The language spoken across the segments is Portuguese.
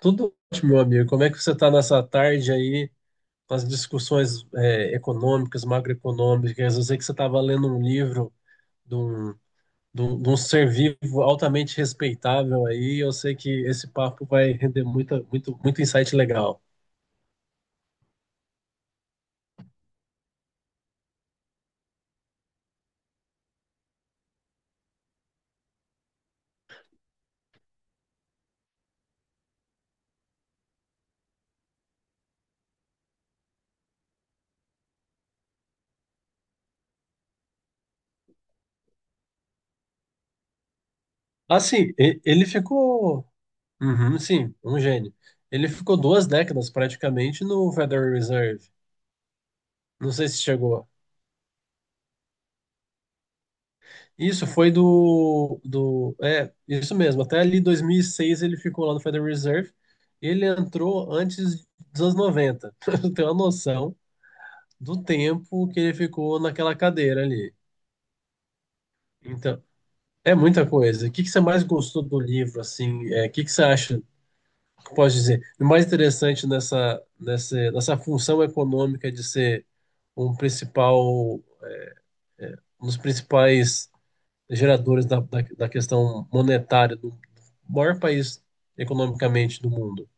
Tudo ótimo, meu amigo. Como é que você está nessa tarde aí com as discussões econômicas, macroeconômicas? Eu sei que você estava lendo um livro de um, de um ser vivo altamente respeitável aí. Eu sei que esse papo vai render muita, muito, muito insight legal. Assim, ele ficou. Uhum, sim, um gênio. Ele ficou duas décadas praticamente no Federal Reserve. Não sei se chegou. Isso foi do. É, isso mesmo. Até ali 2006 ele ficou lá no Federal Reserve. Ele entrou antes dos anos 90. Pra você uma noção do tempo que ele ficou naquela cadeira ali. Então, é muita coisa. O que você mais gostou do livro, assim? É, o que você acha, que eu posso dizer, o mais interessante nessa função econômica de ser um principal, um dos principais geradores da questão monetária do maior país economicamente do mundo.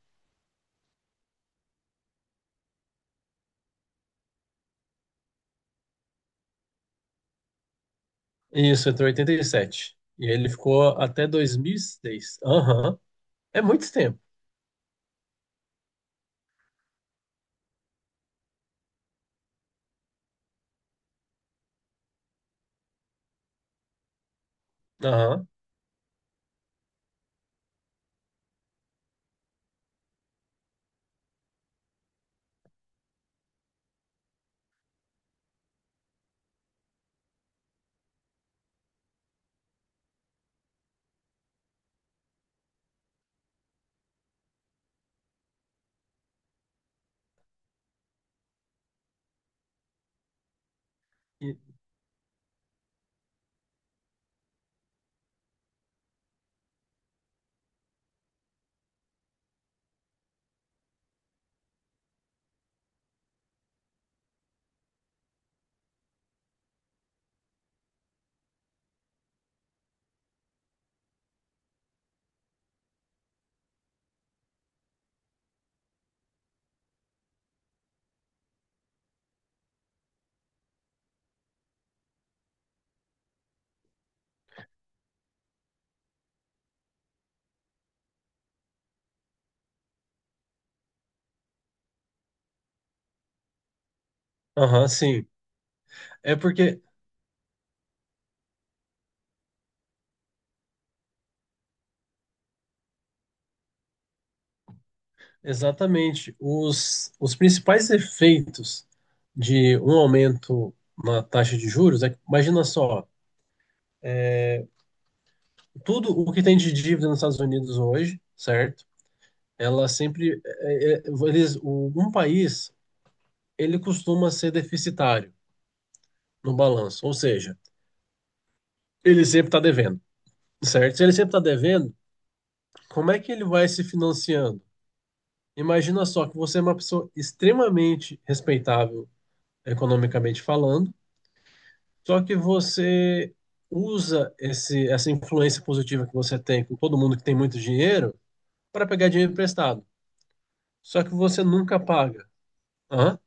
Isso, entrou em 87. E sete. E ele ficou até 2006. Aham. É muito tempo. Aham. E- Aham, sim. É porque, exatamente, os principais efeitos de um aumento na taxa de juros é que, imagina só, tudo o que tem de dívida nos Estados Unidos hoje, certo? Ela sempre. Eles, um país ele costuma ser deficitário no balanço, ou seja, ele sempre está devendo, certo? Se ele sempre está devendo, como é que ele vai se financiando? Imagina só que você é uma pessoa extremamente respeitável economicamente falando, só que você usa essa influência positiva que você tem com todo mundo que tem muito dinheiro para pegar dinheiro emprestado. Só que você nunca paga. Hã?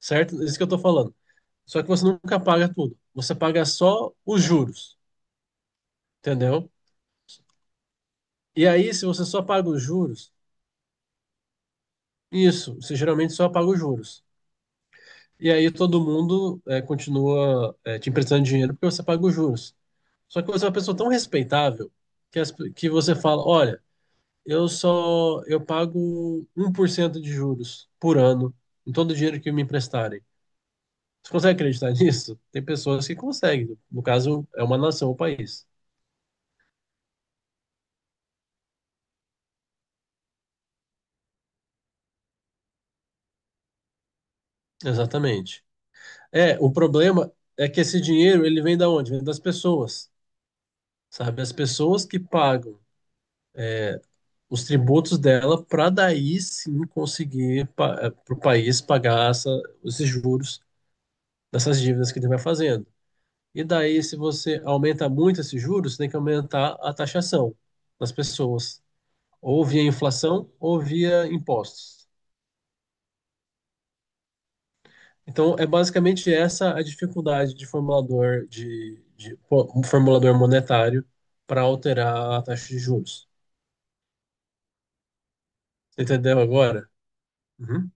Certo? É isso que eu estou falando. Só que você nunca paga tudo. Você paga só os juros, entendeu? E aí, se você só paga os juros, isso, você geralmente só paga os juros. E aí todo mundo continua te emprestando dinheiro porque você paga os juros. Só que você é uma pessoa tão respeitável que, que você fala, olha, eu só eu pago 1% de juros por ano em todo o dinheiro que me emprestarem. Você consegue acreditar nisso? Tem pessoas que conseguem. No caso, é uma nação, um país. Exatamente. É, o problema é que esse dinheiro, ele vem da onde? Vem das pessoas. Sabe? As pessoas que pagam os tributos dela para daí sim conseguir para o país pagar essa, esses juros dessas dívidas que ele vai fazendo. E daí, se você aumenta muito esses juros, você tem que aumentar a taxação das pessoas, ou via inflação ou via impostos. Então, é basicamente essa a dificuldade de formulador de pô, um formulador monetário para alterar a taxa de juros. Você entendeu agora? Uhum.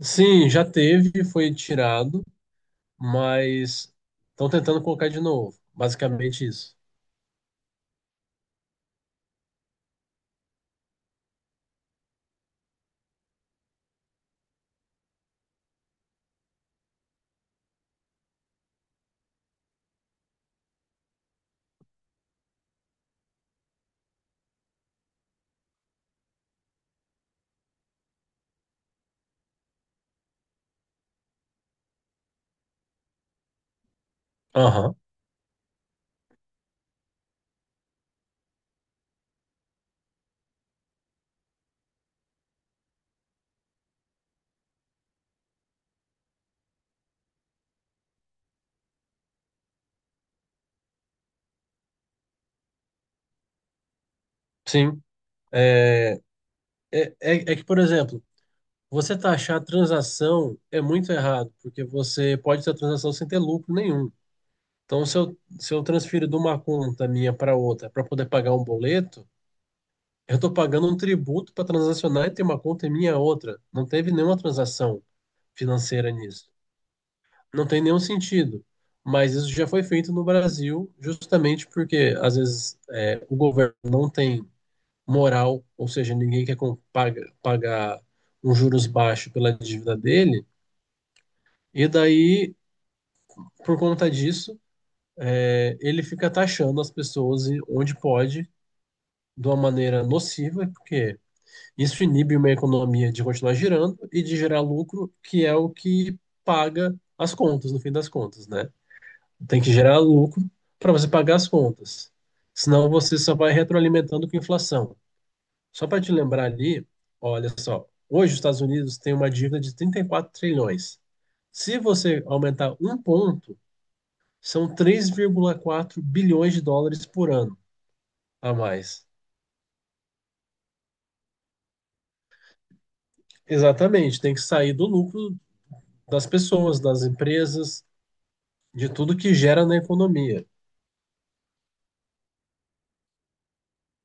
Sim, já teve, foi tirado, mas estão tentando colocar de novo. Basicamente isso. Aham, sim. É, é que, por exemplo, você taxar a transação é muito errado, porque você pode ter a transação sem ter lucro nenhum. Então, se eu transfiro de uma conta minha para outra para poder pagar um boleto, eu estou pagando um tributo para transacionar e ter uma conta minha outra. Não teve nenhuma transação financeira nisso. Não tem nenhum sentido. Mas isso já foi feito no Brasil, justamente porque, às vezes, o governo não tem moral, ou seja, ninguém quer pagar um juros baixo pela dívida dele, e daí, por conta disso, ele fica taxando as pessoas onde pode, de uma maneira nociva, porque isso inibe uma economia de continuar girando e de gerar lucro, que é o que paga as contas, no fim das contas, né? Tem que gerar lucro para você pagar as contas. Senão você só vai retroalimentando com a inflação. Só para te lembrar ali, olha só, hoje os Estados Unidos têm uma dívida de 34 trilhões. Se você aumentar um ponto, são 3,4 bilhões de dólares por ano a mais. Exatamente, tem que sair do lucro das pessoas, das empresas, de tudo que gera na economia.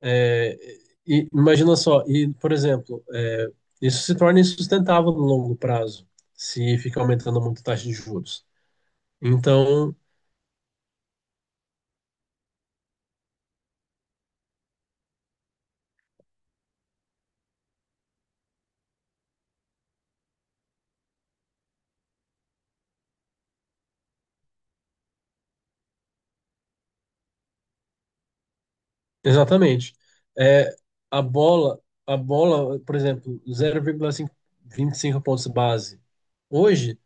É, e imagina só, e, por exemplo, isso se torna insustentável no longo prazo, se fica aumentando muito a taxa de juros. Então, exatamente. É, a bola, a bola, por exemplo, zero vírgula vinte e cinco pontos base, hoje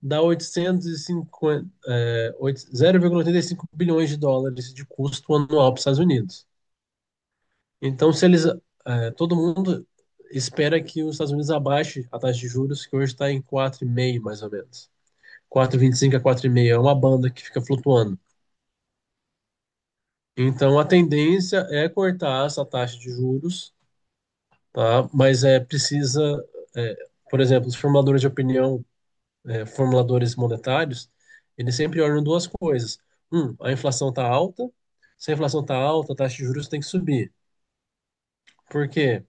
dá 850, zero vírgula oitenta e cinco bilhões de dólares de custo anual para os Estados Unidos. Então, se eles, todo mundo espera que os Estados Unidos abaixe a taxa de juros, que hoje está em 4,5 mais ou menos. Quatro vírgula vinte e cinco a 4,5 é uma banda que fica flutuando. Então, a tendência é cortar essa taxa de juros, tá? Mas é precisa, eh, por exemplo, os formuladores de opinião, formuladores monetários, eles sempre olham duas coisas. Um, a inflação está alta. Se a inflação está alta, a taxa de juros tem que subir. Por quê?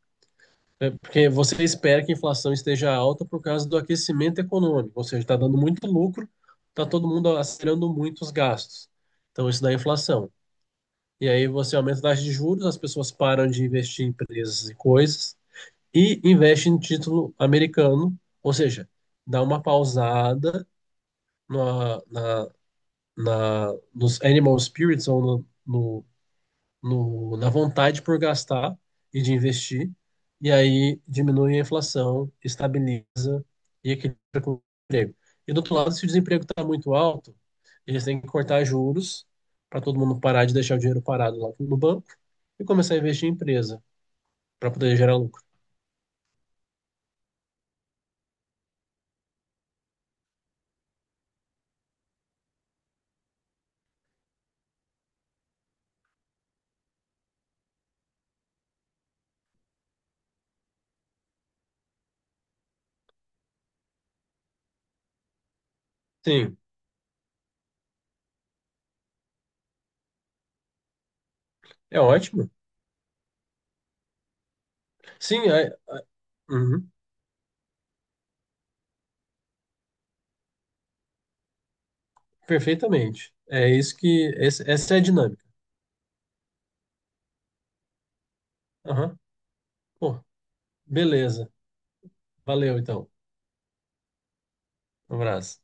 É, porque você espera que a inflação esteja alta por causa do aquecimento econômico, ou seja, está dando muito lucro, está todo mundo acelerando muito os gastos. Então, isso dá inflação. E aí você aumenta a taxa de juros, as pessoas param de investir em empresas e coisas e investem em título americano, ou seja, dá uma pausada na, na, nos animal spirits ou no, no no, na vontade por gastar e de investir, e aí diminui a inflação, estabiliza e equilibra com o emprego. E do outro lado, se o desemprego está muito alto, eles têm que cortar juros para todo mundo parar de deixar o dinheiro parado lá no banco e começar a investir em empresa para poder gerar lucro. Sim, é ótimo. Sim, uhum, perfeitamente. É isso que. Essa é a dinâmica. Aham. Pô, beleza. Valeu, então. Um abraço.